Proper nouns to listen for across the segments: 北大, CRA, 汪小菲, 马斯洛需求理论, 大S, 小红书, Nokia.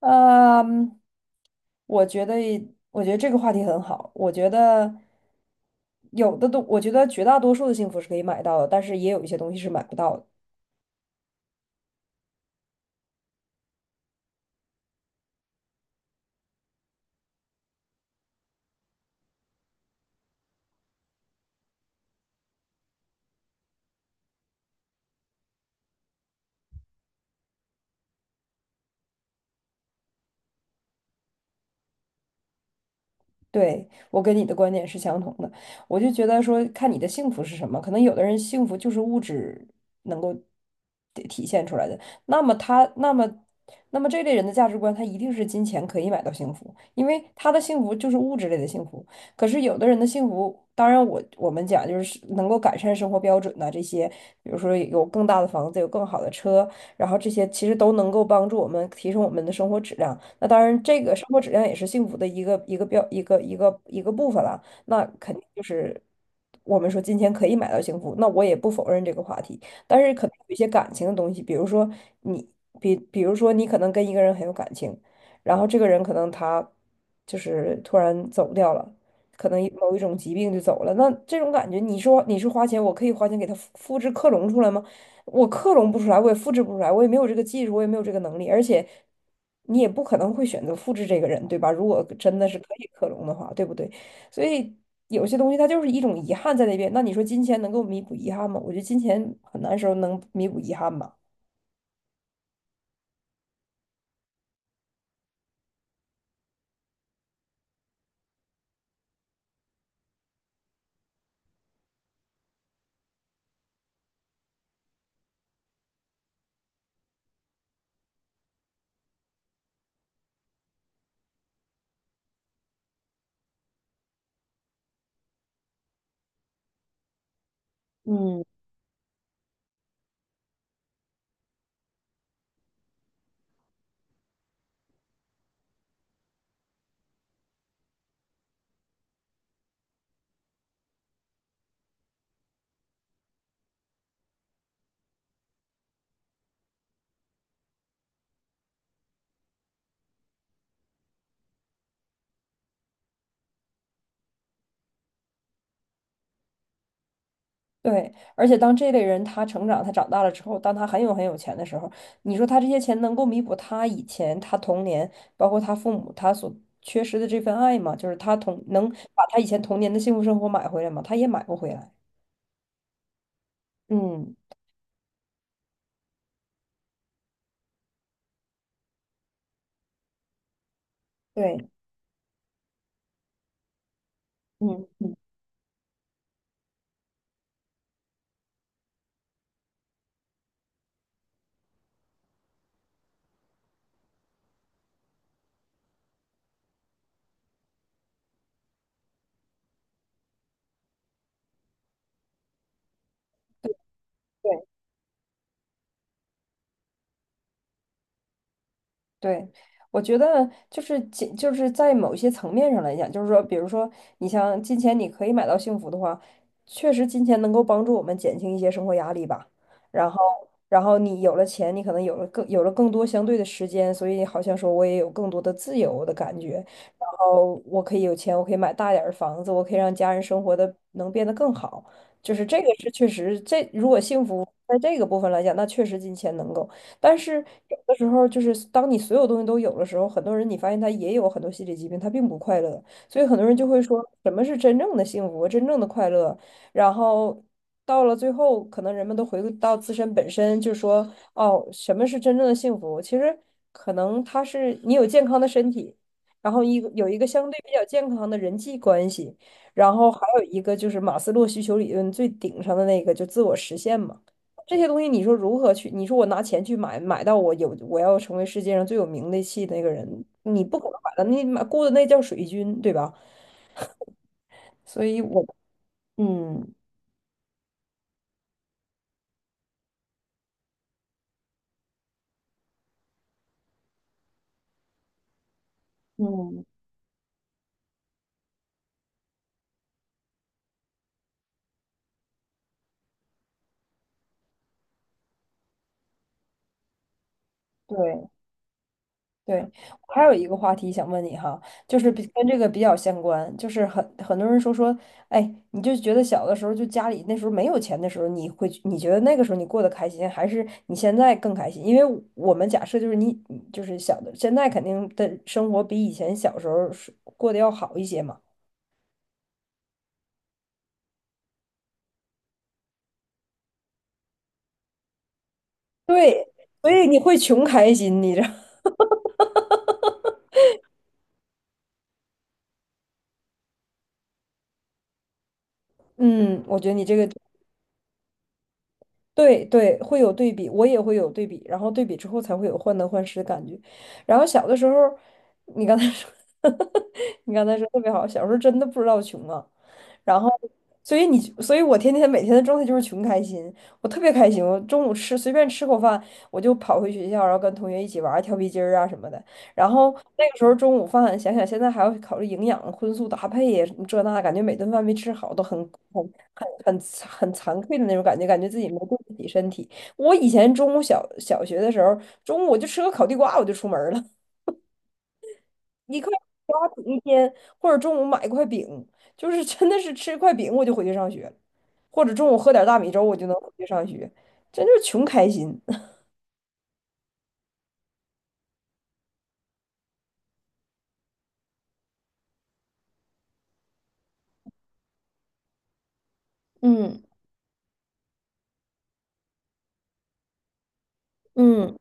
嗯，我觉得，我觉得，这个话题很好。我觉得有的东，我觉得绝大多数的幸福是可以买到的，但是也有一些东西是买不到的。对，我跟你的观点是相同的，我就觉得说，看你的幸福是什么，可能有的人幸福就是物质能够体现出来的，那么他，那么，那么这类人的价值观，他一定是金钱可以买到幸福，因为他的幸福就是物质类的幸福。可是有的人的幸福，当然我们讲就是能够改善生活标准呐、这些，比如说有更大的房子，有更好的车，然后这些其实都能够帮助我们提升我们的生活质量。那当然，这个生活质量也是幸福的一个一个标一个一个一个部分了。那肯定就是我们说金钱可以买到幸福，那我也不否认这个话题，但是可能有一些感情的东西，比如说你，比如说你可能跟一个人很有感情，然后这个人可能他就是突然走掉了。可能某一种疾病就走了，那这种感觉，你说你是花钱，我可以花钱给他复制克隆出来吗？我克隆不出来，我也复制不出来，我也没有这个技术，我也没有这个能力，而且你也不可能会选择复制这个人，对吧？如果真的是可以克隆的话，对不对？所以有些东西它就是一种遗憾在那边。那你说金钱能够弥补遗憾吗？我觉得金钱很难时候能弥补遗憾吧。嗯。对，而且当这类人他成长，他长大了之后，当他很有钱的时候，你说他这些钱能够弥补他以前他童年，包括他父母他所缺失的这份爱吗？就是他童能把他以前童年的幸福生活买回来吗？他也买不回来。嗯，对，嗯嗯，对。对，我觉得就是金，就是在某些层面上来讲，就是说，比如说，你像金钱，你可以买到幸福的话，确实金钱能够帮助我们减轻一些生活压力吧。然后，然后你有了钱，你可能有了更多相对的时间，所以好像说我也有更多的自由的感觉。然后我可以有钱，我可以买大点儿的房子，我可以让家人生活的能变得更好。就是这个是确实，这如果幸福在这个部分来讲，那确实金钱能够。但是有的时候，就是当你所有东西都有的时候，很多人你发现他也有很多心理疾病，他并不快乐。所以很多人就会说，什么是真正的幸福，真正的快乐？然后到了最后，可能人们都回归到自身本身，就说，哦，什么是真正的幸福？其实可能他是你有健康的身体，然后一个有一个相对比较健康的人际关系，然后还有一个就是马斯洛需求理论最顶上的那个，就自我实现嘛。这些东西，你说如何去？你说我拿钱去买，买到我有我要成为世界上最有名的气的那个人，你不可能买到，你买雇的那叫水军，对吧？所以我，嗯嗯，对，对，我还有一个话题想问你哈，就是比跟这个比较相关，就是很很多人说，哎，你就觉得小的时候就家里那时候没有钱的时候，你会你觉得那个时候你过得开心，还是你现在更开心？因为我们假设就是你就是小的，现在肯定的生活比以前小时候是过得要好一些嘛，对，所以你会穷开心，你知道。嗯，我觉得你这个。对对，会有对比，我也会有对比，然后对比之后才会有患得患失的感觉。然后小的时候，你刚才说，你刚才说特别好，小时候真的不知道穷啊。然后，所以你，所以我天天每天的状态就是穷开心，我特别开心。我中午吃随便吃口饭，我就跑回学校，然后跟同学一起玩儿跳皮筋儿啊什么的。然后那个时候中午饭，想想现在还要考虑营养、荤素搭配呀，什么这那，感觉每顿饭没吃好都很很很很惭愧的那种感觉，感觉自己没对得起身体。我以前中午小学的时候，中午我就吃个烤地瓜我就出门儿了，一块地瓜顶一天，或者中午买一块饼，就是真的是吃一块饼我就回去上学了或者中午喝点大米粥我就能回去上学，真就是穷开心。嗯嗯。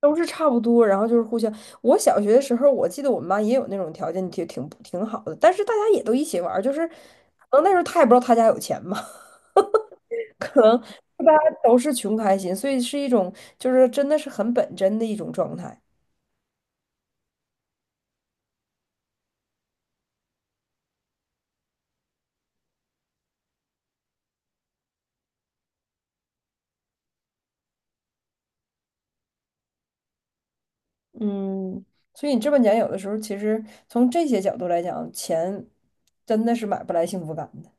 都是差不多，然后就是互相。我小学的时候，我记得我们班也有那种条件挺好的，但是大家也都一起玩儿，就是可能那时候他也不知道他家有钱嘛，可能大家都是穷开心，所以是一种就是真的是很本真的一种状态。嗯，所以你这么讲，有的时候其实从这些角度来讲，钱真的是买不来幸福感的。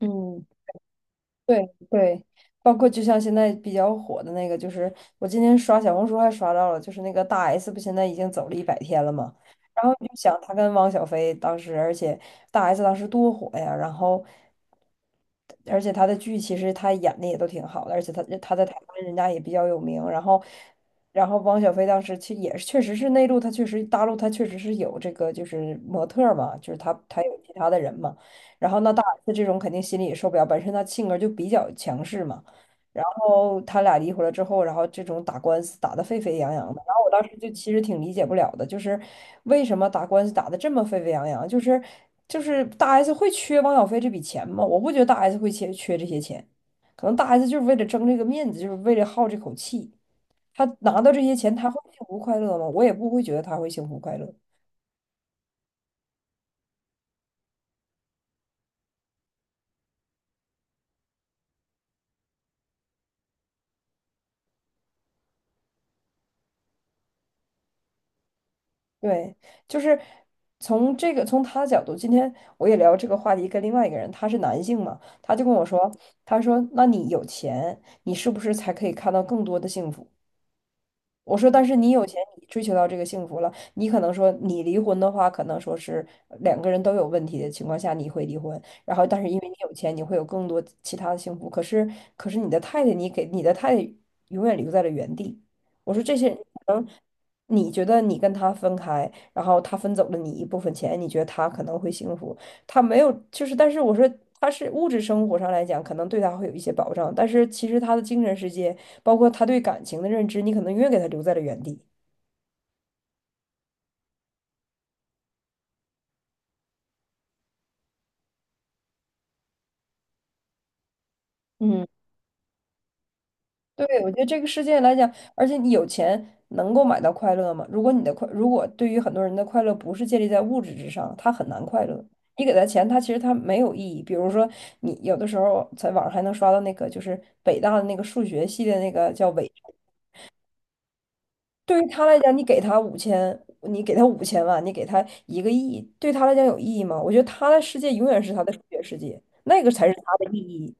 嗯。对对，包括就像现在比较火的那个，就是我今天刷小红书还刷到了，就是那个大 S 不现在已经走了100天了嘛，然后你就想她跟汪小菲当时，而且大 S 当时多火呀，然后而且她的剧其实她演的也都挺好的，而且她在台湾人家也比较有名，然后汪小菲当时其实也是确实是内陆，他确实大陆他确实是有这个就是模特儿嘛，就是他有其他的人嘛。然后那大 S 这种肯定心里也受不了，本身她性格就比较强势嘛。然后他俩离婚了之后，然后这种打官司打得沸沸扬扬的，然后我当时就其实挺理解不了的，就是为什么打官司打得这么沸沸扬扬？就是大 S 会缺汪小菲这笔钱吗？我不觉得大 S 会缺这些钱，可能大 S 就是为了争这个面子，就是为了好这口气。他拿到这些钱，他会幸福快乐吗？我也不会觉得他会幸福快乐。对，就是从这个从他的角度，今天我也聊这个话题，跟另外一个人，他是男性嘛，他就跟我说，他说，那你有钱，你是不是才可以看到更多的幸福？我说，但是你有钱，你追求到这个幸福了，你可能说你离婚的话，可能说是两个人都有问题的情况下，你会离婚。然后，但是因为你有钱，你会有更多其他的幸福。可是，可是你的太太，你给你的太太永远留在了原地。我说这些人可能你觉得你跟他分开，然后他分走了你一部分钱，你觉得他可能会幸福。他没有，就是但是我说他是物质生活上来讲，可能对他会有一些保障，但是其实他的精神世界，包括他对感情的认知，你可能永远给他留在了原地。嗯对，我觉得这个世界来讲，而且你有钱能够买到快乐吗？如果你的快，如果对于很多人的快乐不是建立在物质之上，他很难快乐。你给他钱，他其实他没有意义。比如说，你有的时候在网上还能刷到那个，就是北大的那个数学系的那个叫伪。对于他来讲，你给他五千，你给他5000万，你给他1亿，对他来讲有意义吗？我觉得他的世界永远是他的数学世界，那个才是他的意义。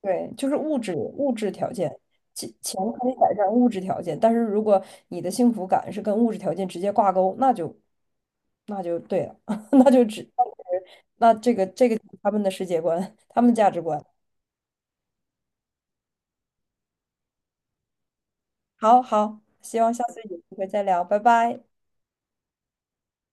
对，就是物质条件，钱可以改善物质条件，但是如果你的幸福感是跟物质条件直接挂钩，那就对了，那就只那这个就是他们的世界观，他们的价值观。好好，希望下次有机会再聊，拜拜。